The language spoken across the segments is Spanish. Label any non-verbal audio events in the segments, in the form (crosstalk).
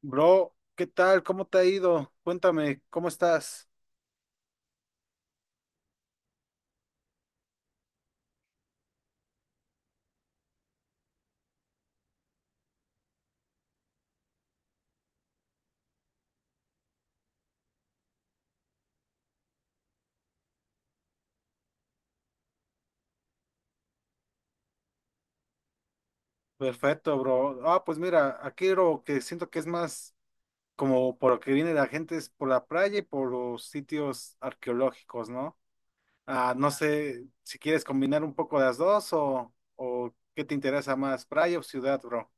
Bro, ¿qué tal? ¿Cómo te ha ido? Cuéntame, ¿cómo estás? Perfecto, bro. Pues mira, aquí lo que siento que es más como por lo que viene la gente es por la playa y por los sitios arqueológicos, ¿no? No sé si quieres combinar un poco las dos o qué te interesa más, playa o ciudad, bro.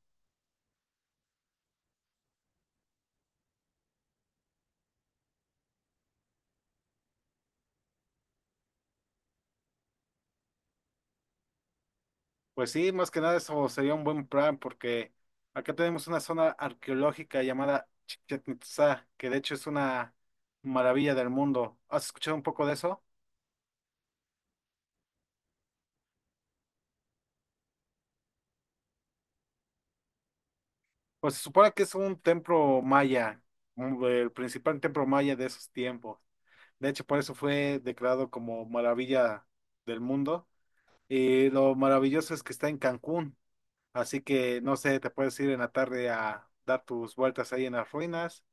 Pues sí, más que nada eso sería un buen plan porque acá tenemos una zona arqueológica llamada Chichén Itzá, que de hecho es una maravilla del mundo. ¿Has escuchado un poco de eso? Pues se supone que es un templo maya, el principal templo maya de esos tiempos. De hecho, por eso fue declarado como maravilla del mundo. Y lo maravilloso es que está en Cancún. Así que, no sé, te puedes ir en la tarde a dar tus vueltas ahí en las ruinas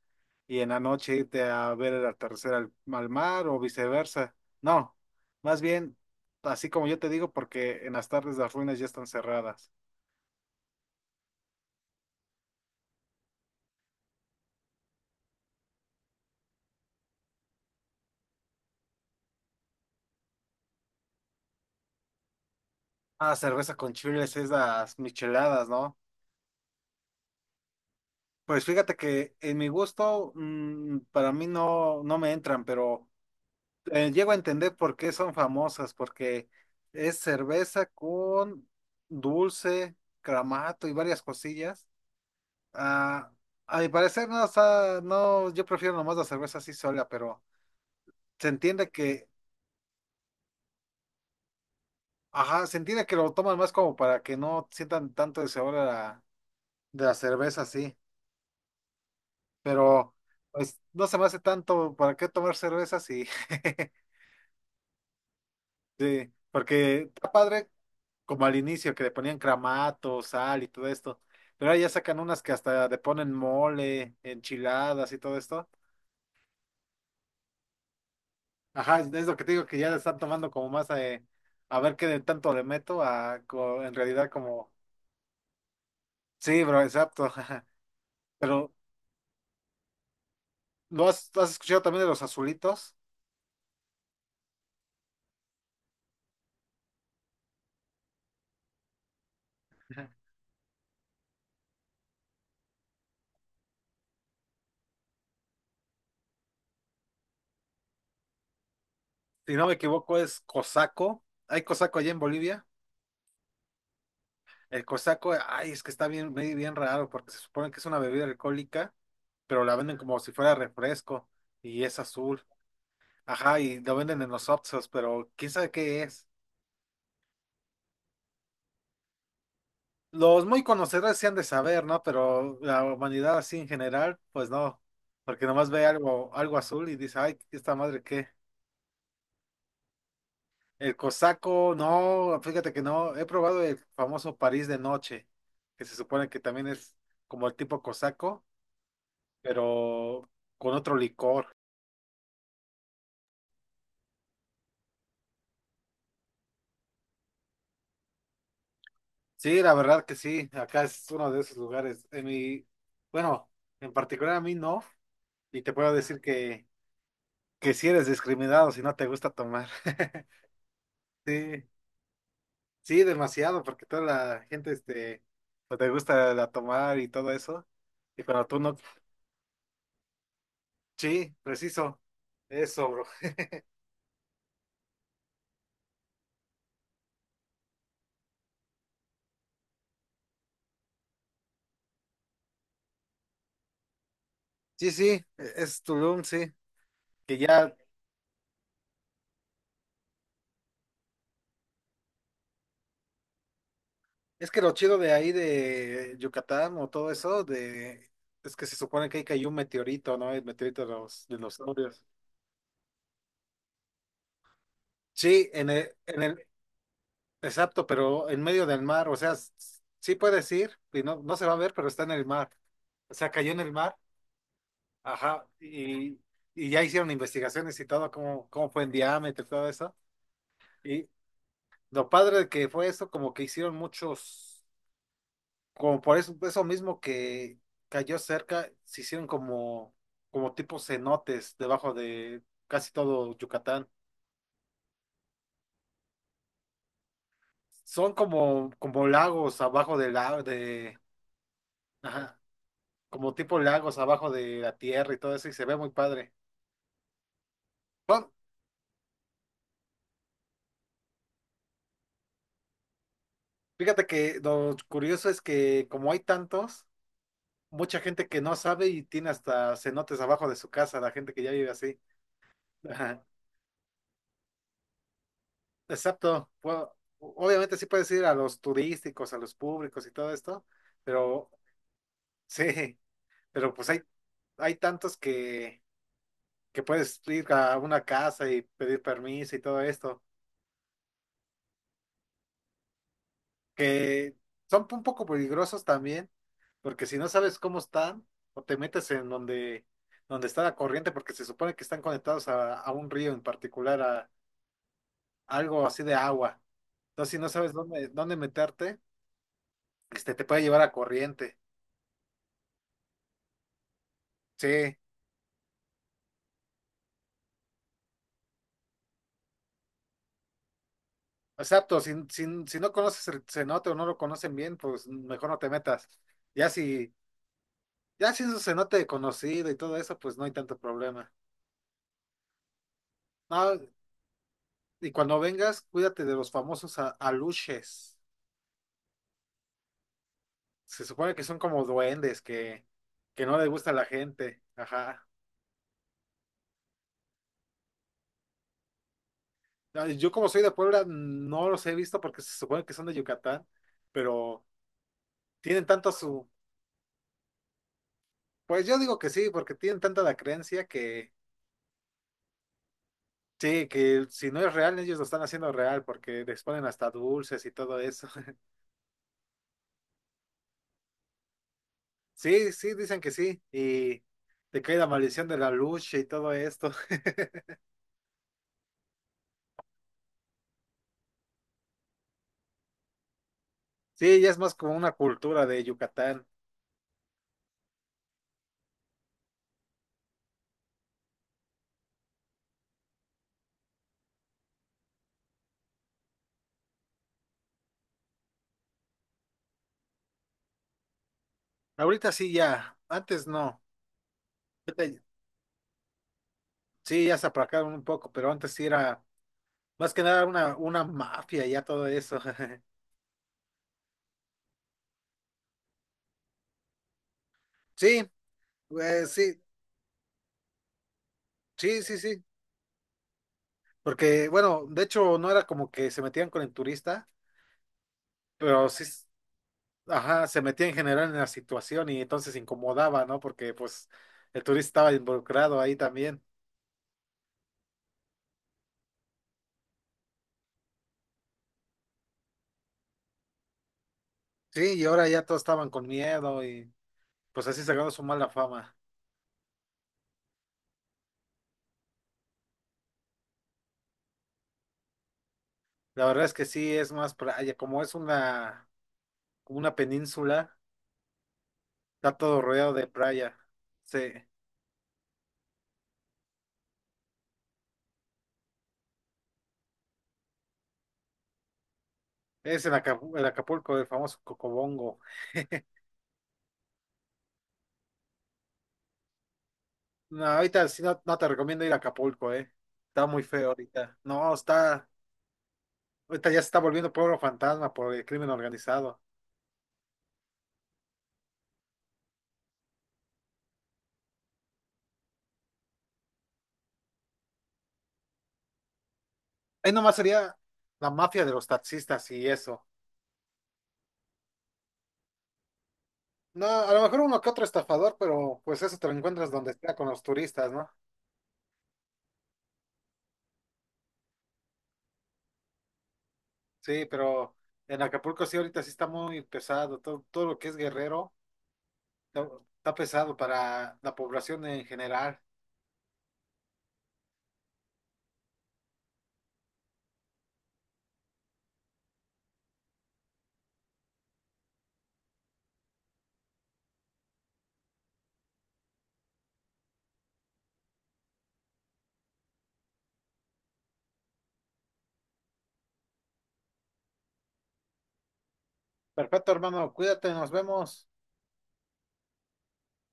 y en la noche irte a ver el atardecer al mar o viceversa. No, más bien, así como yo te digo, porque en las tardes las ruinas ya están cerradas. Ah, cerveza con chiles, esas micheladas, ¿no? Pues fíjate que en mi gusto, para mí no, no me entran, pero llego a entender por qué son famosas, porque es cerveza con dulce, cramato y varias cosillas. Ah, a mi parecer no, o sea, no, yo prefiero nomás la cerveza así sola, pero se entiende que, ajá, se entiende que lo toman más como para que no sientan tanto el sabor de la cerveza así, pero pues no se me hace tanto para qué tomar cerveza así. (laughs) Sí, porque está padre como al inicio que le ponían cramato, sal y todo esto. Pero ahora ya sacan unas que hasta le ponen mole, enchiladas y todo esto. Ajá, es lo que te digo que ya le están tomando como más a ver qué de tanto le meto a en realidad como sí, bro, exacto. (laughs) Pero ¿lo has, has escuchado también de los azulitos? Si no me equivoco es cosaco. Hay cosaco allá en Bolivia. El cosaco, ay, es que está bien, bien bien raro porque se supone que es una bebida alcohólica pero la venden como si fuera refresco y es azul. Ajá, y lo venden en los Oxxos, pero quién sabe qué es. Los muy conocedores sí han de saber, ¿no? Pero la humanidad así en general, pues no. Porque nomás ve algo, algo azul y dice, ay, esta madre qué. El cosaco, no, fíjate que no. He probado el famoso París de noche, que se supone que también es como el tipo cosaco, pero con otro licor. Sí, la verdad que sí, acá es uno de esos lugares. En mi, bueno, en particular a mí no, y te puedo decir que si eres discriminado si no te gusta tomar. (laughs) Sí, sí, demasiado, porque toda la gente, este, no te gusta la tomar y todo eso, y cuando tú no, sí, preciso, eso, bro. Sí, sí, es Tulum, sí, que ya, es que lo chido de ahí de Yucatán o todo eso, de, es que se supone que ahí cayó un meteorito, ¿no? El meteorito de los dinosaurios. Sí, en el, exacto, pero en medio del mar, o sea, sí puedes ir, y no, no se va a ver, pero está en el mar. O sea, cayó en el mar, ajá, y ya hicieron investigaciones y todo, cómo, cómo fue en diámetro y todo eso. Y lo padre de que fue eso, como que hicieron muchos, como por eso, eso mismo que cayó cerca, se hicieron como, como tipo cenotes debajo de casi todo Yucatán. Son como, como lagos abajo del lago, de... ajá, como tipo lagos abajo de la tierra y todo eso, y se ve muy padre. Bueno, fíjate que lo curioso es que como hay tantos, mucha gente que no sabe y tiene hasta cenotes abajo de su casa, la gente que ya vive así. Ajá. Exacto. Bueno, obviamente sí puedes ir a los turísticos, a los públicos y todo esto, pero (laughs) sí, pero pues hay tantos que puedes ir a una casa y pedir permiso y todo esto, que son un poco peligrosos también. Porque si no sabes cómo están, o te metes en donde, donde está la corriente, porque se supone que están conectados a un río en particular, a, algo así de agua. Entonces, si no sabes dónde, dónde meterte, este, te puede llevar a corriente. Sí, exacto. Si, si, si no conoces el cenote o no lo conocen bien, pues mejor no te metas. Ya si, ya si es un cenote conocido y todo eso, pues no hay tanto problema. No, y cuando vengas, cuídate de los famosos aluches. Se supone que son como duendes que no les gusta a la gente. Ajá. Ay, yo como soy de Puebla, no los he visto porque se supone que son de Yucatán, pero tienen tanto su... Pues yo digo que sí, porque tienen tanta la creencia que sí, que si no es real, ellos lo están haciendo real porque les ponen hasta dulces y todo eso. (laughs) Sí, sí, dicen que sí. Y te cae la maldición de la lucha y todo esto. (laughs) Sí, ya es más como una cultura de Yucatán. Ahorita sí ya, antes no. Ahorita sí, ya se aplacaron un poco, pero antes sí era más que nada una, una mafia y ya todo eso. (laughs) Sí, sí, sí. Porque, bueno, de hecho no era como que se metían con el turista, pero sí, ajá, se metían en general en la situación y entonces incomodaba, ¿no? Porque pues el turista estaba involucrado ahí también. Sí, y ahora ya todos estaban con miedo y pues así se ganó su mala fama. La verdad es que sí, es más playa, como es una, como una península, está todo rodeado de playa. Sí. Es en Acapulco, el famoso Cocobongo. (laughs) No, ahorita sí no, no te recomiendo ir a Acapulco, eh. Está muy feo ahorita. No, está, ahorita ya se está volviendo pueblo fantasma por el crimen organizado. Ahí nomás sería la mafia de los taxistas y eso. No, a lo mejor uno que otro estafador, pero pues eso te lo encuentras donde sea con los turistas, ¿no? Sí, pero en Acapulco sí ahorita sí está muy pesado. Todo, todo lo que es Guerrero está, está pesado para la población en general. Perfecto, hermano, cuídate, nos vemos.